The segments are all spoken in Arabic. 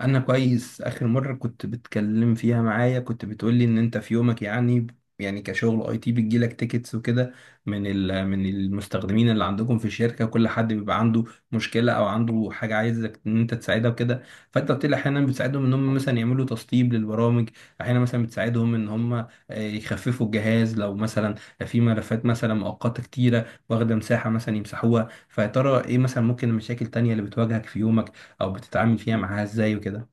انا كويس. اخر مره كنت بتكلم فيها معايا كنت بتقولي ان انت في يومك، يعني كشغل اي تي بتجيلك تيكتس وكده، من المستخدمين اللي عندكم في الشركه. كل حد بيبقى عنده مشكله او عنده حاجه عايزك ان انت تساعدها وكده. فانت قلت لي احيانا بتساعدهم ان هم مثلا يعملوا تسطيب للبرامج، احيانا مثلا بتساعدهم ان هم يخففوا الجهاز لو مثلا في ملفات مثلا مؤقته كتيره واخده مساحه مثلا يمسحوها. فيا ترى ايه مثلا ممكن المشاكل التانيه اللي بتواجهك في يومك او بتتعامل فيها معاها ازاي وكده؟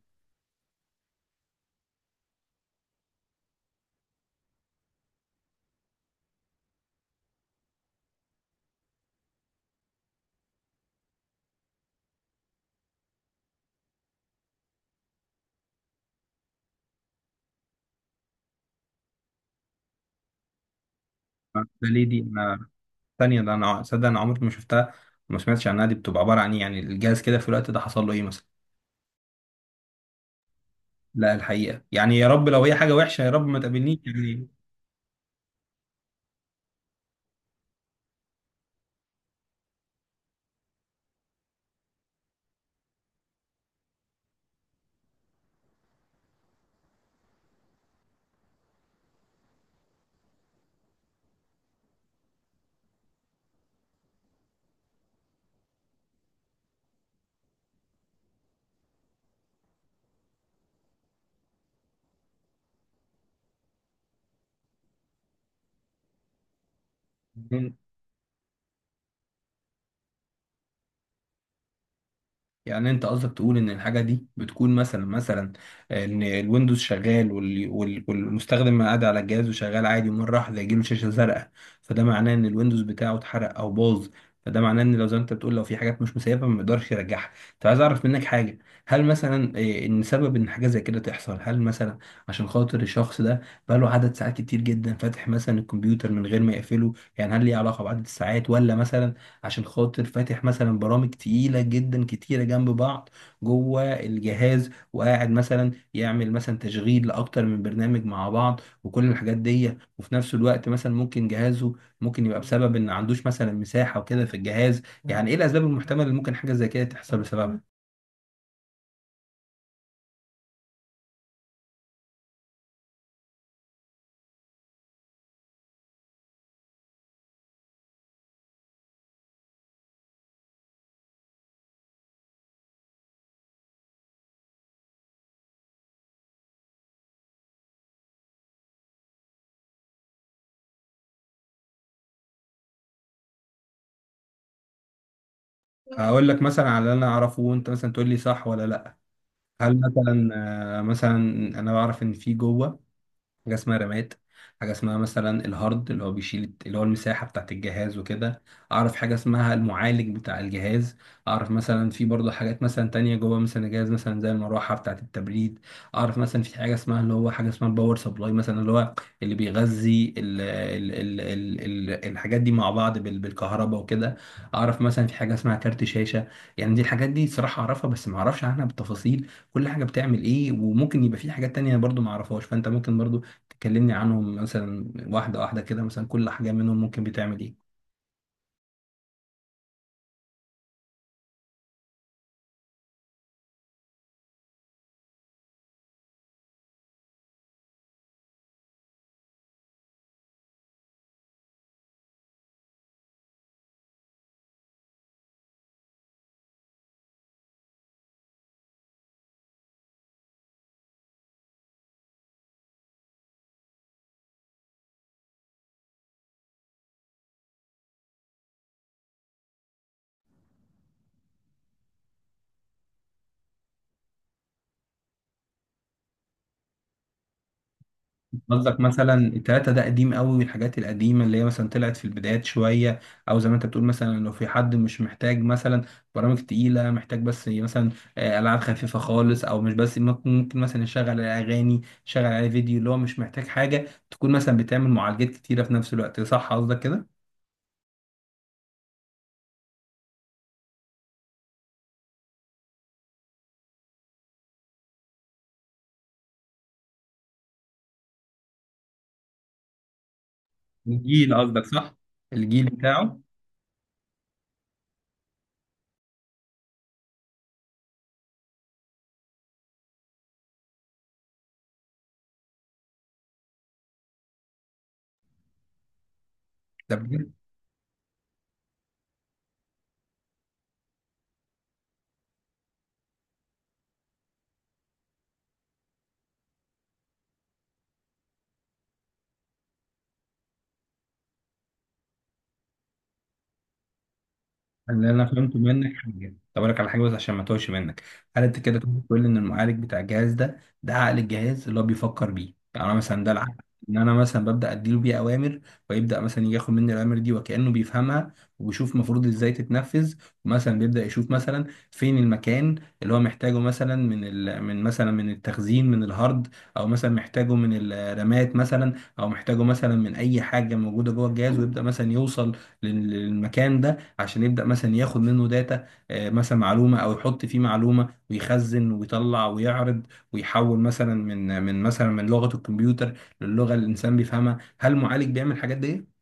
ده ليه دي؟ انا ثانيه، ده انا صدق انا عمري ما شفتها وما سمعتش عنها. دي بتبقى عباره عن ايه يعني؟ الجهاز كده في الوقت ده حصل له ايه مثلا؟ لا الحقيقه يعني، يا رب لو هي حاجه وحشه يا رب ما تقابلنيش يعني. يعني انت قصدك تقول ان الحاجه دي بتكون مثلا ان الويندوز شغال والمستخدم قاعد على الجهاز وشغال عادي، ومره واحده يجيله شاشه زرقاء، فده معناه ان الويندوز بتاعه اتحرق او باظ. فده معناه ان لو زي ما انت بتقول لو في حاجات مش مسيبه ما يقدرش يرجعها. طب عايز اعرف منك حاجه، هل مثلا ان سبب ان حاجه زي كده تحصل، هل مثلا عشان خاطر الشخص ده بقاله عدد ساعات كتير جدا فاتح مثلا الكمبيوتر من غير ما يقفله، يعني هل ليه علاقه بعدد الساعات، ولا مثلا عشان خاطر فاتح مثلا برامج تقيلة جدا كتيرة جنب بعض جوه الجهاز، وقاعد مثلا يعمل مثلا تشغيل لأكتر من برنامج مع بعض وكل الحاجات دي، وفي نفس الوقت مثلا ممكن جهازه ممكن يبقى بسبب إن ما عندوش مثلا مساحة وكده في الجهاز؟ يعني إيه الأسباب المحتملة اللي ممكن حاجة زي كده تحصل بسببها؟ هقول لك مثلا على اللي أنا أعرفه وأنت مثلا تقول لي صح ولا لأ. هل مثلا مثلا أنا بعرف إن في جوه حاجة اسمها رامات، حاجة اسمها مثلا الهارد اللي هو بيشيل اللي هو المساحة بتاعت الجهاز وكده. أعرف حاجة اسمها المعالج بتاع الجهاز. أعرف مثلا في برضه حاجات مثلا تانية جوه مثلا الجهاز مثلا زي المروحة بتاعت التبريد. أعرف مثلا في حاجة اسمها اللي هو حاجة اسمها الباور سبلاي مثلا اللي هو اللي بيغذي ال ال ال ال ال الحاجات دي مع بعض بالكهرباء وكده. أعرف مثلا في حاجة اسمها كارت شاشة. يعني دي الحاجات دي صراحة أعرفها بس ما أعرفش عنها بالتفاصيل. كل حاجة بتعمل إيه؟ وممكن يبقى في حاجات تانية برضه ما أعرفهاش، فأنت ممكن برضه تكلمني عنهم مثلا واحدة واحدة كده، مثلا كل حاجة منهم ممكن بتعمل ايه. قصدك مثلا التلاتة ده قديم قوي، الحاجات القديمة اللي هي مثلا طلعت في البدايات شوية، او زي ما انت بتقول مثلا لو في حد مش محتاج مثلا برامج تقيلة، محتاج بس مثلا ألعاب خفيفة خالص، او مش بس ممكن ممكن مثلا يشغل اغاني، يشغل عليه فيديو، اللي هو مش محتاج حاجة تكون مثلا بتعمل معالجات كتيرة في نفس الوقت. صح قصدك كده؟ الجيل قصدك صح، الجيل بتاعه. ده بجد؟ اللي انا فهمته منك حاجه. طب اقول لك على حاجه بس عشان ما توهش منك. هل انت كده تقول ان المعالج بتاع الجهاز ده ده عقل الجهاز اللي هو بيفكر بيه، يعني انا مثلا ده العقل، ان انا مثلا ببدا اديله بيه اوامر، ويبدا مثلا يجي ياخد مني الاوامر دي وكانه بيفهمها، وبيشوف المفروض ازاي تتنفذ، ومثلا بيبدا يشوف مثلا فين المكان اللي هو محتاجه مثلا من ال... من مثلا من التخزين من الهارد، او مثلا محتاجه من الرامات مثلا، او محتاجه مثلا من اي حاجه موجوده جوه الجهاز، ويبدا مثلا يوصل للمكان ده عشان يبدأ مثلا ياخد منه داتا، مثلا معلومة، او يحط فيه معلومة ويخزن ويطلع ويعرض ويحول مثلا من مثلا من لغة الكمبيوتر للغة اللي الانسان بيفهمها. هل المعالج بيعمل الحاجات دي؟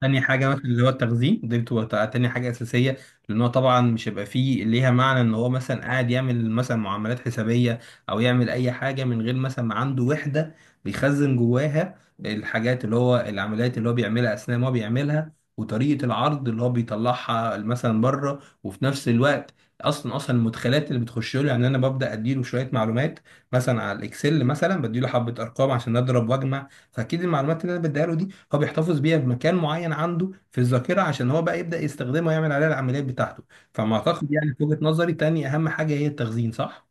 تاني حاجة مثلا اللي هو التخزين دي بتبقى تاني حاجة أساسية، لأن هو طبعا مش هيبقى فيه ليها معنى إن هو مثلا قاعد يعمل مثلا معاملات حسابية أو يعمل أي حاجة من غير مثلا ما عنده وحدة بيخزن جواها الحاجات اللي هو العمليات اللي هو بيعملها أثناء ما هو بيعملها، وطريقة العرض اللي هو بيطلعها مثلا بره، وفي نفس الوقت اصلا اصلا المدخلات اللي بتخش له. يعني انا ببدا اديله شويه معلومات مثلا على الاكسل، مثلا بديله حبه ارقام عشان اضرب واجمع، فاكيد المعلومات اللي انا بديها له دي هو بيحتفظ بيها بمكان معين عنده في الذاكره عشان هو بقى يبدا يستخدمها ويعمل عليها العمليات بتاعته. فما اعتقد يعني في وجهه نظري تاني اهم حاجه هي التخزين، صح؟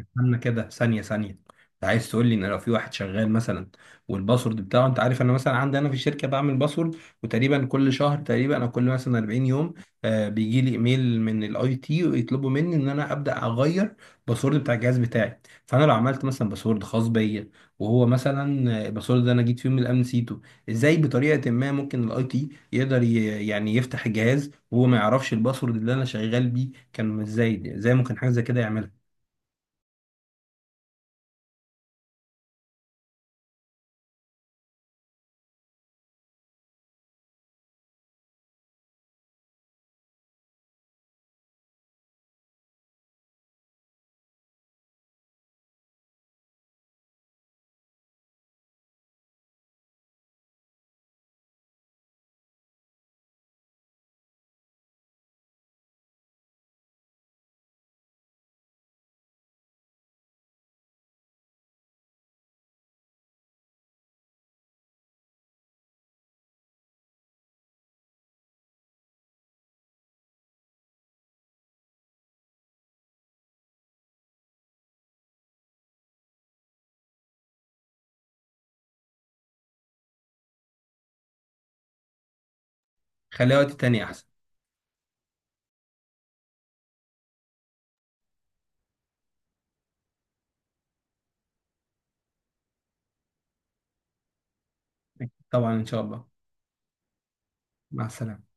استنى كده، ثانية ثانية. انت عايز تقول لي ان لو في واحد شغال مثلا والباسورد بتاعه، انت عارف انا مثلا عندي انا في الشركة بعمل باسورد، وتقريبا كل شهر تقريبا او كل مثلا 40 يوم آه بيجي لي ايميل من الاي تي ويطلبوا مني ان انا ابدا اغير باسورد بتاع الجهاز بتاعي. فانا لو عملت مثلا باسورد خاص بيا وهو مثلا الباسورد ده انا جيت فيه من الامن نسيته، ازاي بطريقة ما ممكن الاي تي يقدر يعني يفتح الجهاز وهو ما يعرفش الباسورد اللي انا شغال بيه كان؟ ازاي ممكن حاجة زي كده يعملها؟ خليها وقت تاني أحسن. طبعا إن شاء الله. مع السلامة.